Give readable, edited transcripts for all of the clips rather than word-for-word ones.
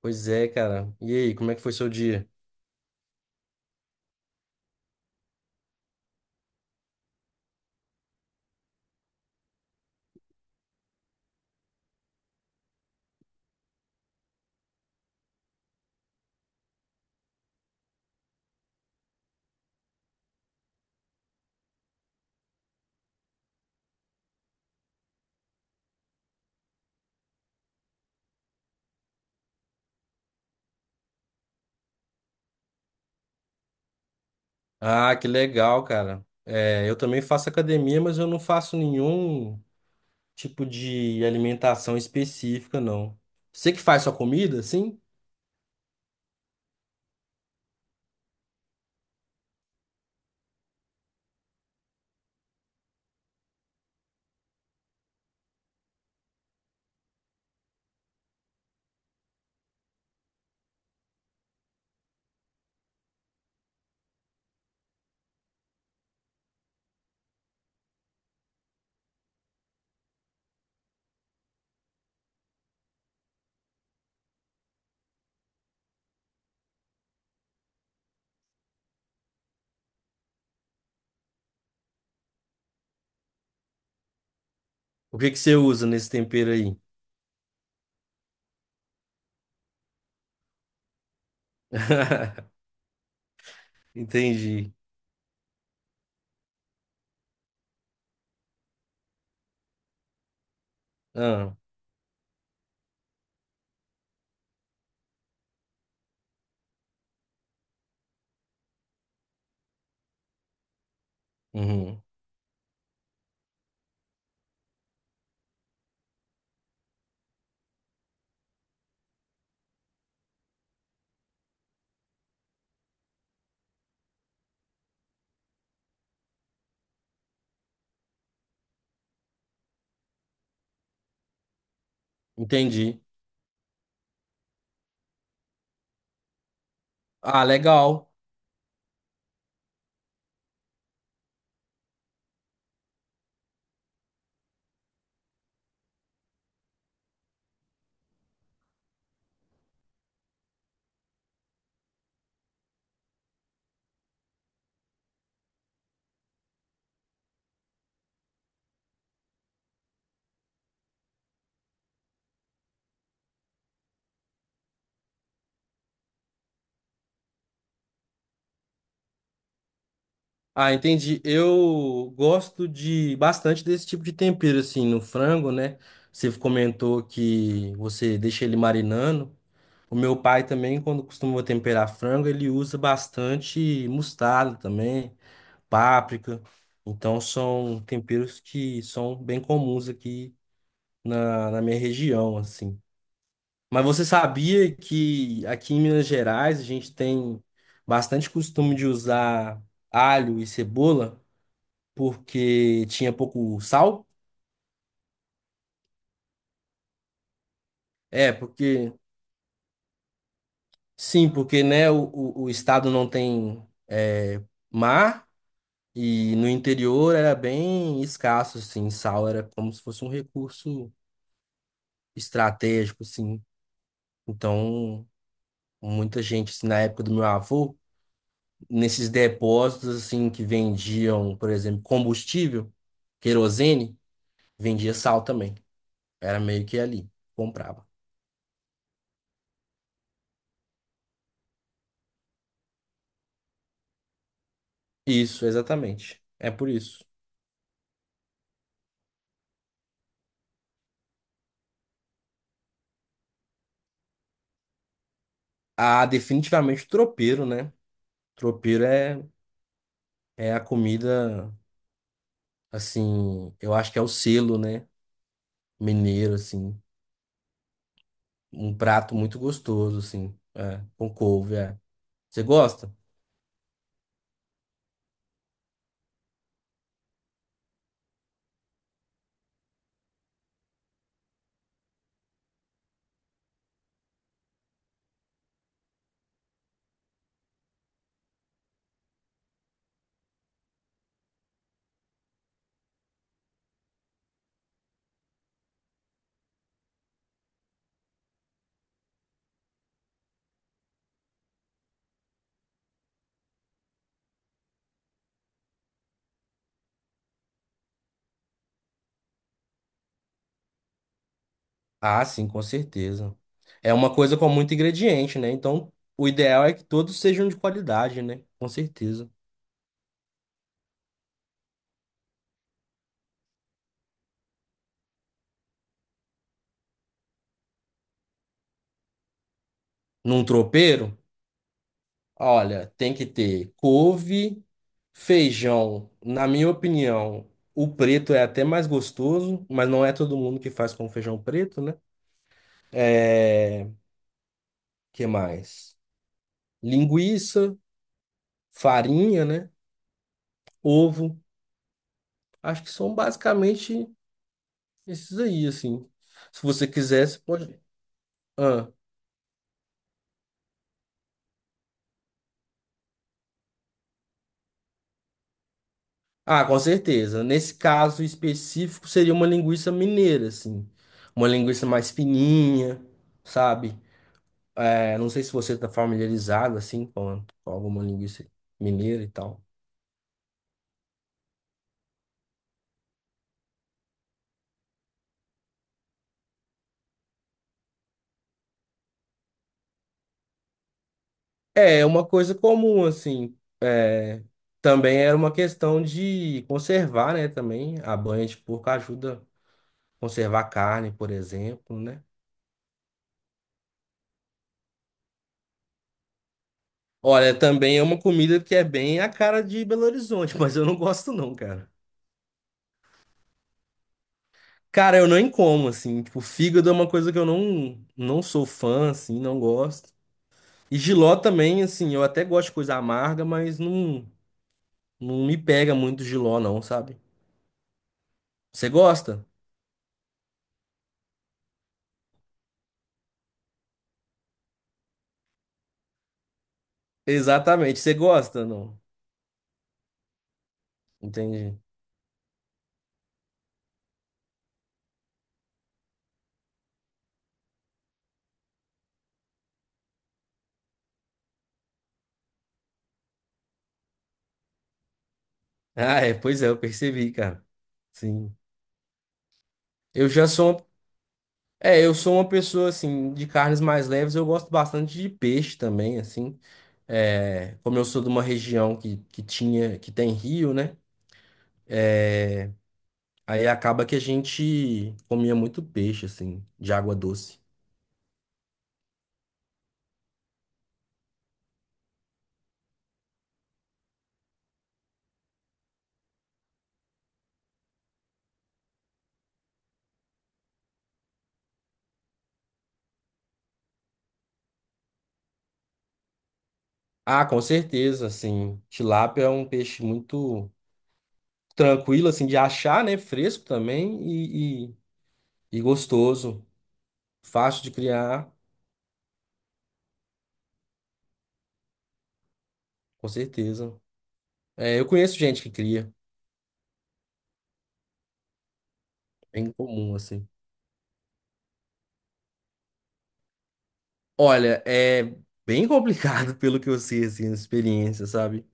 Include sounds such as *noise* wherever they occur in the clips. Pois é, cara. E aí, como é que foi seu dia? Ah, que legal, cara. É, eu também faço academia, mas eu não faço nenhum tipo de alimentação específica, não. Você que faz sua comida, sim? O que que você usa nesse tempero aí? *laughs* Entendi. Ah, uhum. Entendi. Ah, legal. Ah, entendi. Eu gosto de bastante desse tipo de tempero, assim, no frango, né? Você comentou que você deixa ele marinando. O meu pai também, quando costuma temperar frango, ele usa bastante mostarda também, páprica. Então são temperos que são bem comuns aqui na minha região, assim. Mas você sabia que aqui em Minas Gerais a gente tem bastante costume de usar alho e cebola porque tinha pouco sal? É, porque sim, porque né, o estado não tem é, mar. E no interior era bem escasso, assim, sal era como se fosse um recurso estratégico, assim. Então, muita gente, assim, na época do meu avô, nesses depósitos, assim, que vendiam, por exemplo, combustível, querosene, vendia sal também. Era meio que ali, comprava. Isso, exatamente. É por isso. Ah, definitivamente o tropeiro, né? Tropeiro é, é a comida, assim, eu acho que é o selo, né? Mineiro, assim. Um prato muito gostoso, assim. É, com couve, é. Você gosta? Ah, sim, com certeza. É uma coisa com muito ingrediente, né? Então, o ideal é que todos sejam de qualidade, né? Com certeza. Num tropeiro, olha, tem que ter couve, feijão. Na minha opinião, o preto é até mais gostoso, mas não é todo mundo que faz com feijão preto, né? É, que mais? Linguiça, farinha, né? Ovo. Acho que são basicamente esses aí, assim. Se você quisesse, pode. Ah, ah, com certeza. Nesse caso específico, seria uma linguiça mineira, assim. Uma linguiça mais fininha, sabe? É, não sei se você está familiarizado, assim, com alguma linguiça mineira e tal. É, é uma coisa comum, assim. É, também era uma questão de conservar, né? Também a banha de porco ajuda a conservar a carne, por exemplo, né? Olha, também é uma comida que é bem a cara de Belo Horizonte, *laughs* mas eu não gosto não, cara. Cara, eu nem como, assim, tipo, fígado é uma coisa que eu não, não sou fã, assim, não gosto. E jiló também, assim, eu até gosto de coisa amarga, mas não, não me pega muito jiló não, sabe? Você gosta? Exatamente, você gosta, não? Entendi. Ah, é, pois é, eu percebi, cara. Sim. Eu já sou, uma- é, eu sou uma pessoa, assim, de carnes mais leves, eu gosto bastante de peixe também, assim. É, como eu sou de uma região que tinha, que tem rio, né? Aí acaba que a gente comia muito peixe, assim, de água doce. Ah, com certeza, assim, tilápia é um peixe muito tranquilo, assim, de achar, né? Fresco também e gostoso. Fácil de criar, com certeza. É, eu conheço gente que cria, bem comum, assim. Olha, é bem complicado *laughs* pelo que eu sei, assim, a experiência, sabe?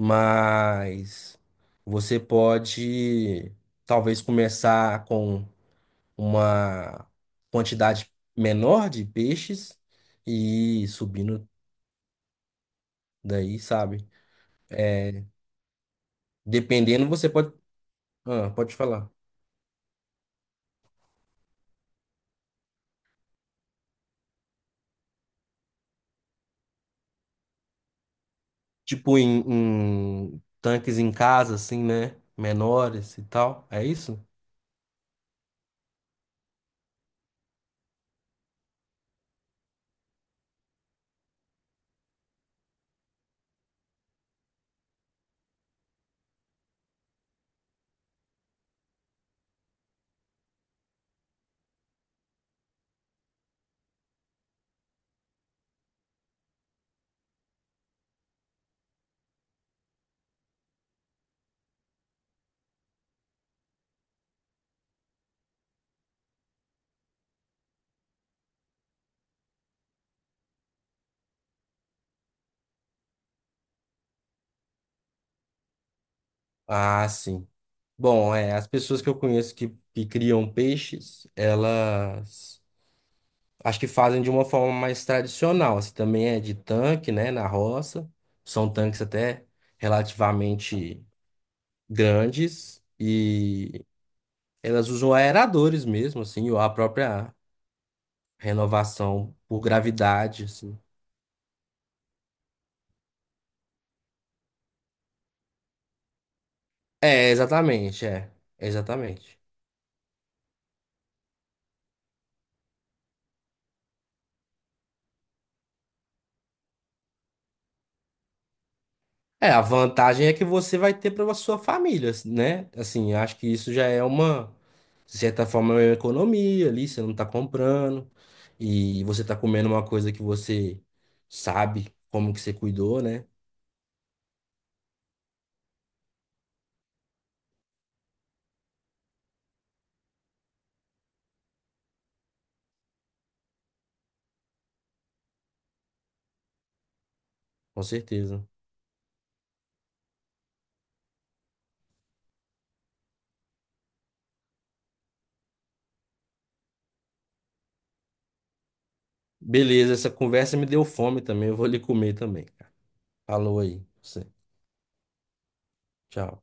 Mas você pode talvez começar com uma quantidade menor de peixes e ir subindo daí, sabe? É, dependendo, você pode, ah, pode falar. Tipo em tanques em casa, assim, né? Menores e tal. É isso? Ah, sim. Bom, é, as pessoas que eu conheço que criam peixes, elas acho que fazem de uma forma mais tradicional, assim, também é de tanque, né, na roça. São tanques até relativamente grandes e elas usam aeradores mesmo, assim, ou a própria renovação por gravidade, assim. É, exatamente, é, exatamente. É, a vantagem é que você vai ter para sua família, né? Assim, acho que isso já é uma, de certa forma, é uma economia ali, você não tá comprando e você tá comendo uma coisa que você sabe como que você cuidou, né? Com certeza. Beleza, essa conversa me deu fome também, eu vou ali comer também, cara. Falou aí, você. Tchau.